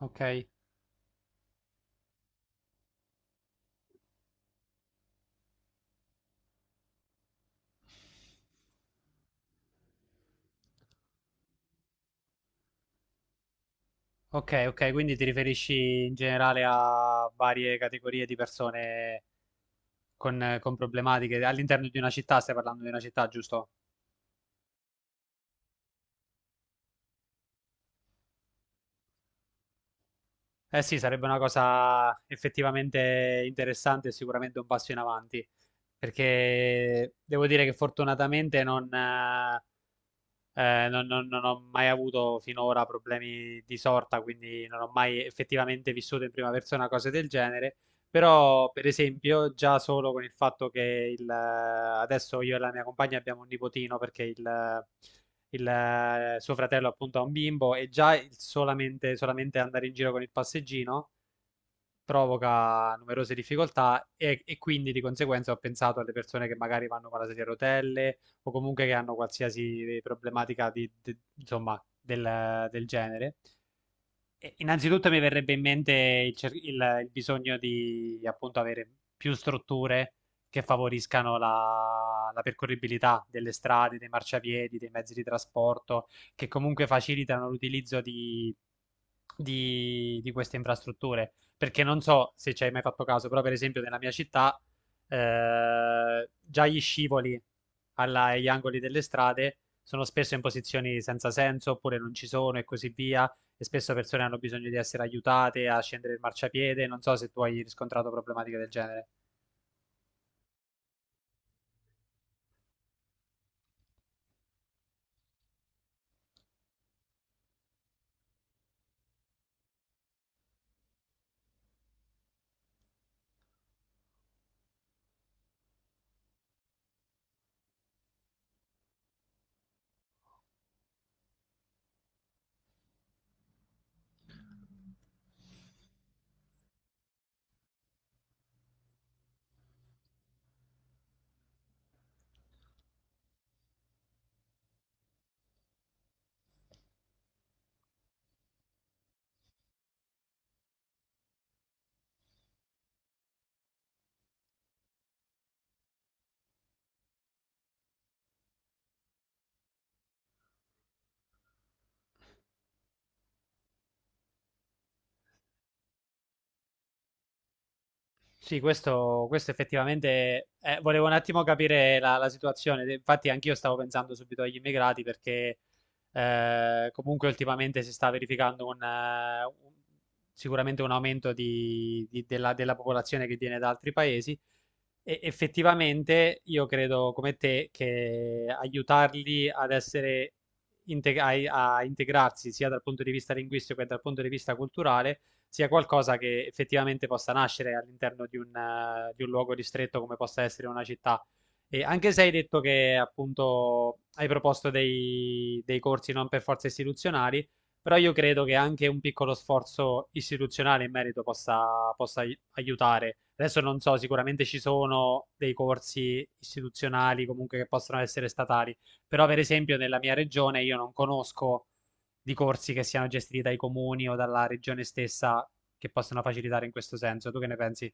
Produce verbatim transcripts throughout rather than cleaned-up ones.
Ok, ok, ok, quindi ti riferisci in generale a varie categorie di persone con, con problematiche all'interno di una città, stai parlando di una città, giusto? Eh sì, sarebbe una cosa effettivamente interessante e sicuramente un passo in avanti, perché devo dire che fortunatamente non, eh, Eh, non, non- non ho mai avuto finora problemi di sorta, quindi non ho mai effettivamente vissuto in prima persona cose del genere. Però, per esempio, già solo con il fatto che il, eh, adesso io e la mia compagna abbiamo un nipotino perché il, eh, il, eh, suo fratello appunto ha un bimbo e già il solamente, solamente andare in giro con il passeggino provoca numerose difficoltà e, e quindi di conseguenza ho pensato alle persone che magari vanno con la sedia a rotelle o comunque che hanno qualsiasi problematica di, di- insomma, del, del genere. E innanzitutto mi verrebbe in mente il, cer- il- il bisogno di appunto avere più strutture che favoriscano la, la percorribilità delle strade, dei marciapiedi, dei mezzi di trasporto, che comunque facilitano l'utilizzo di, di- di queste infrastrutture. Perché non so se ci hai mai fatto caso, però per esempio nella mia città eh, già gli scivoli alla- agli angoli delle strade sono spesso in posizioni senza senso oppure non ci sono e così via e spesso persone hanno bisogno di essere aiutate a scendere il marciapiede. Non so se tu hai riscontrato problematiche del genere. Sì, questo, questo effettivamente eh, volevo un attimo capire la, la situazione. Infatti, anch'io stavo pensando subito agli immigrati perché eh, comunque ultimamente si sta verificando un, eh, un- sicuramente un aumento di- di- della, della popolazione che viene da altri paesi. E effettivamente io credo come te che aiutarli ad essere integ- a a integrarsi sia dal punto di vista linguistico che dal punto di vista culturale sia qualcosa che effettivamente possa nascere all'interno di un, eh, di un luogo ristretto come possa essere una città. E anche se hai detto che appunto hai proposto dei, dei corsi non per forza istituzionali, però io credo che anche un piccolo sforzo istituzionale in merito possa, possa ai- aiutare. Adesso non so, sicuramente ci sono dei corsi istituzionali comunque che possono essere statali, però per esempio nella mia regione io non conosco di corsi che siano gestiti dai comuni o dalla regione stessa che possono facilitare in questo senso. Tu che ne pensi?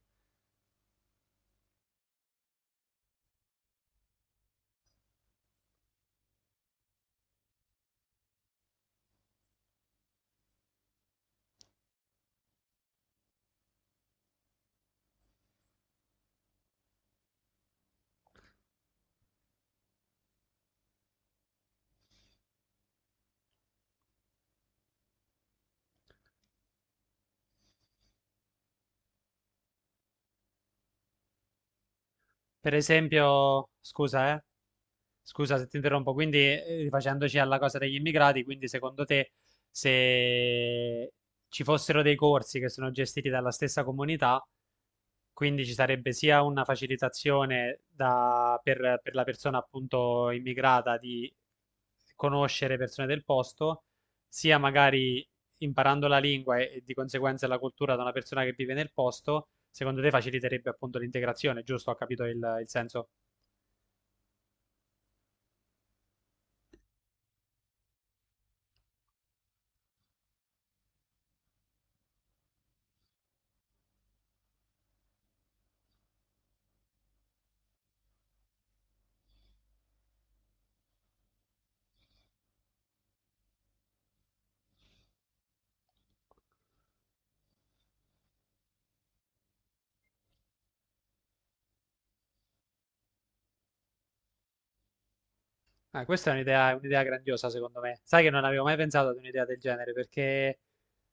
Per esempio, scusa, eh, scusa se ti interrompo, quindi eh, rifacendoci alla cosa degli immigrati, quindi secondo te se ci fossero dei corsi che sono gestiti dalla stessa comunità, quindi ci sarebbe sia una facilitazione da- per, per la persona appunto immigrata di conoscere persone del posto, sia magari imparando la lingua e, e di conseguenza la cultura da una persona che vive nel posto, secondo te faciliterebbe appunto l'integrazione, giusto? Ho capito il il senso? Ah, questa è un'idea un'idea grandiosa, secondo me. Sai che non avevo mai pensato ad un'idea del genere, perché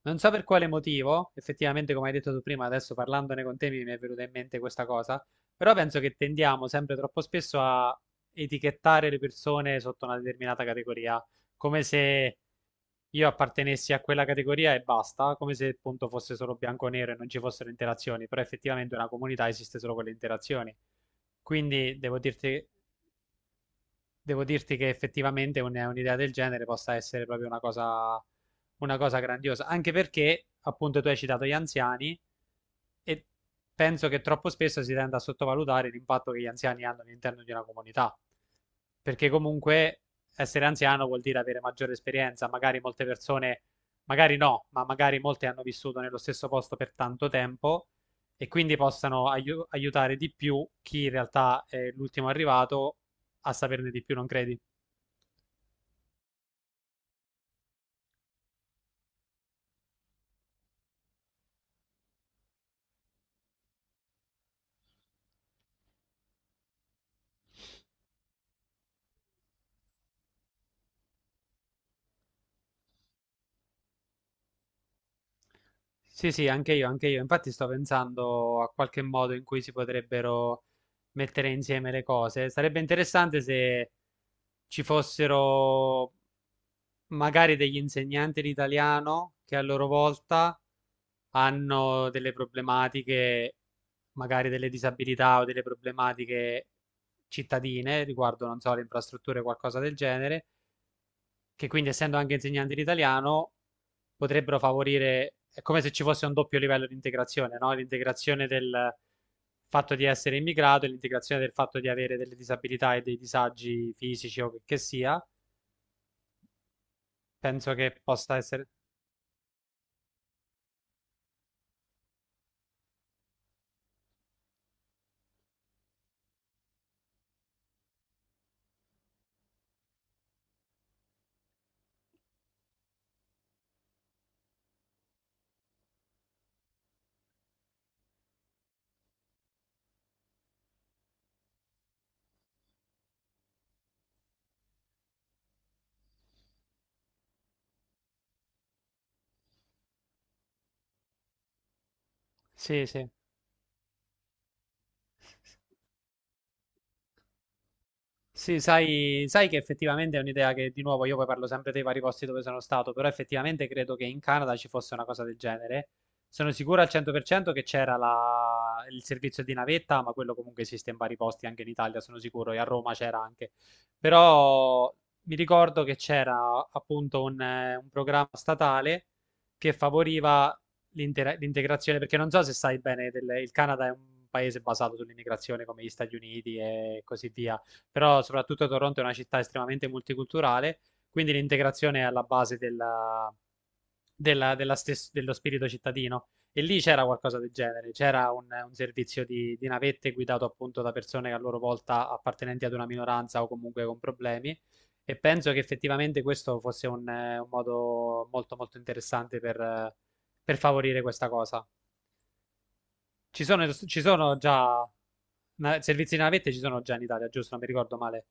non so per quale motivo, effettivamente, come hai detto tu prima, adesso parlandone con te mi mi è venuta in mente questa cosa, però penso che tendiamo sempre troppo spesso a etichettare le persone sotto una determinata categoria, come se io appartenessi a quella categoria e basta, come se appunto fosse solo bianco o nero e non ci fossero interazioni, però effettivamente una comunità esiste solo con le interazioni. Quindi devo dirti devo dirti che effettivamente un- un'idea del genere possa essere proprio una cosa, una cosa grandiosa, anche perché appunto tu hai citato gli anziani e penso che troppo spesso si tenda a sottovalutare l'impatto che gli anziani hanno all'interno di una comunità, perché comunque essere anziano vuol dire avere maggiore esperienza, magari molte persone, magari no, ma magari molte hanno vissuto nello stesso posto per tanto tempo e quindi possano aiu- aiutare di più chi in realtà è l'ultimo arrivato a saperne di più, non credi? Sì, sì, anche io, anche io. Infatti sto pensando a qualche modo in cui si potrebbero mettere insieme le cose. Sarebbe interessante se ci fossero magari degli insegnanti di italiano che a loro volta hanno delle problematiche, magari delle disabilità o delle problematiche cittadine riguardo, non so, le infrastrutture o qualcosa del genere, che quindi essendo anche insegnanti di italiano potrebbero favorire, è come se ci fosse un doppio livello di integrazione, no? L'integrazione del fatto di essere immigrato e l'integrazione del fatto di avere delle disabilità e dei disagi fisici o che sia. Penso che possa essere... Sì, sì. Sì, sai, sai che effettivamente è un'idea che di nuovo io poi parlo sempre dei vari posti dove sono stato, però effettivamente credo che in Canada ci fosse una cosa del genere. Sono sicuro al cento per cento che c'era la- il servizio di navetta, ma quello comunque esiste in vari posti anche in Italia, sono sicuro, e a Roma c'era anche. Però mi ricordo che c'era appunto un, eh, un programma statale che favoriva l'intera- l'integrazione, perché non so se sai bene, del- il Canada è un paese basato sull'immigrazione come gli Stati Uniti e così via, però soprattutto Toronto è una città estremamente multiculturale, quindi l'integrazione è alla base della- della- della stes- dello spirito cittadino. E lì c'era qualcosa del genere, c'era un, un servizio di, di navette guidato appunto da persone che a loro volta appartenenti ad una minoranza o comunque con problemi. E penso che effettivamente questo fosse un, eh, un modo molto molto interessante per, eh, per favorire questa cosa. Ci sono, ci sono già na- servizi di navette, ci sono già in Italia, giusto? Non mi ricordo male.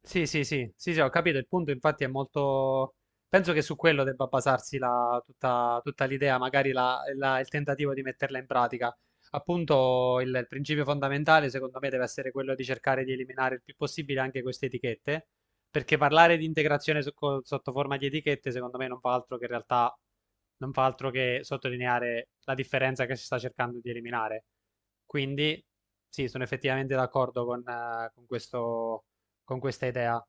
Sì, sì, sì, sì, sì, ho capito. Il punto, infatti, è molto. Penso che su quello debba basarsi la- tutta, tutta l'idea, magari la- la- il tentativo di metterla in pratica. Appunto, il, il principio fondamentale, secondo me, deve essere quello di cercare di eliminare il più possibile anche queste etichette, perché parlare di integrazione so- co- sotto forma di etichette, secondo me, non fa altro che in realtà non fa altro che sottolineare la differenza che si sta cercando di eliminare. Quindi, sì, sono effettivamente d'accordo con eh, con questo con questa idea.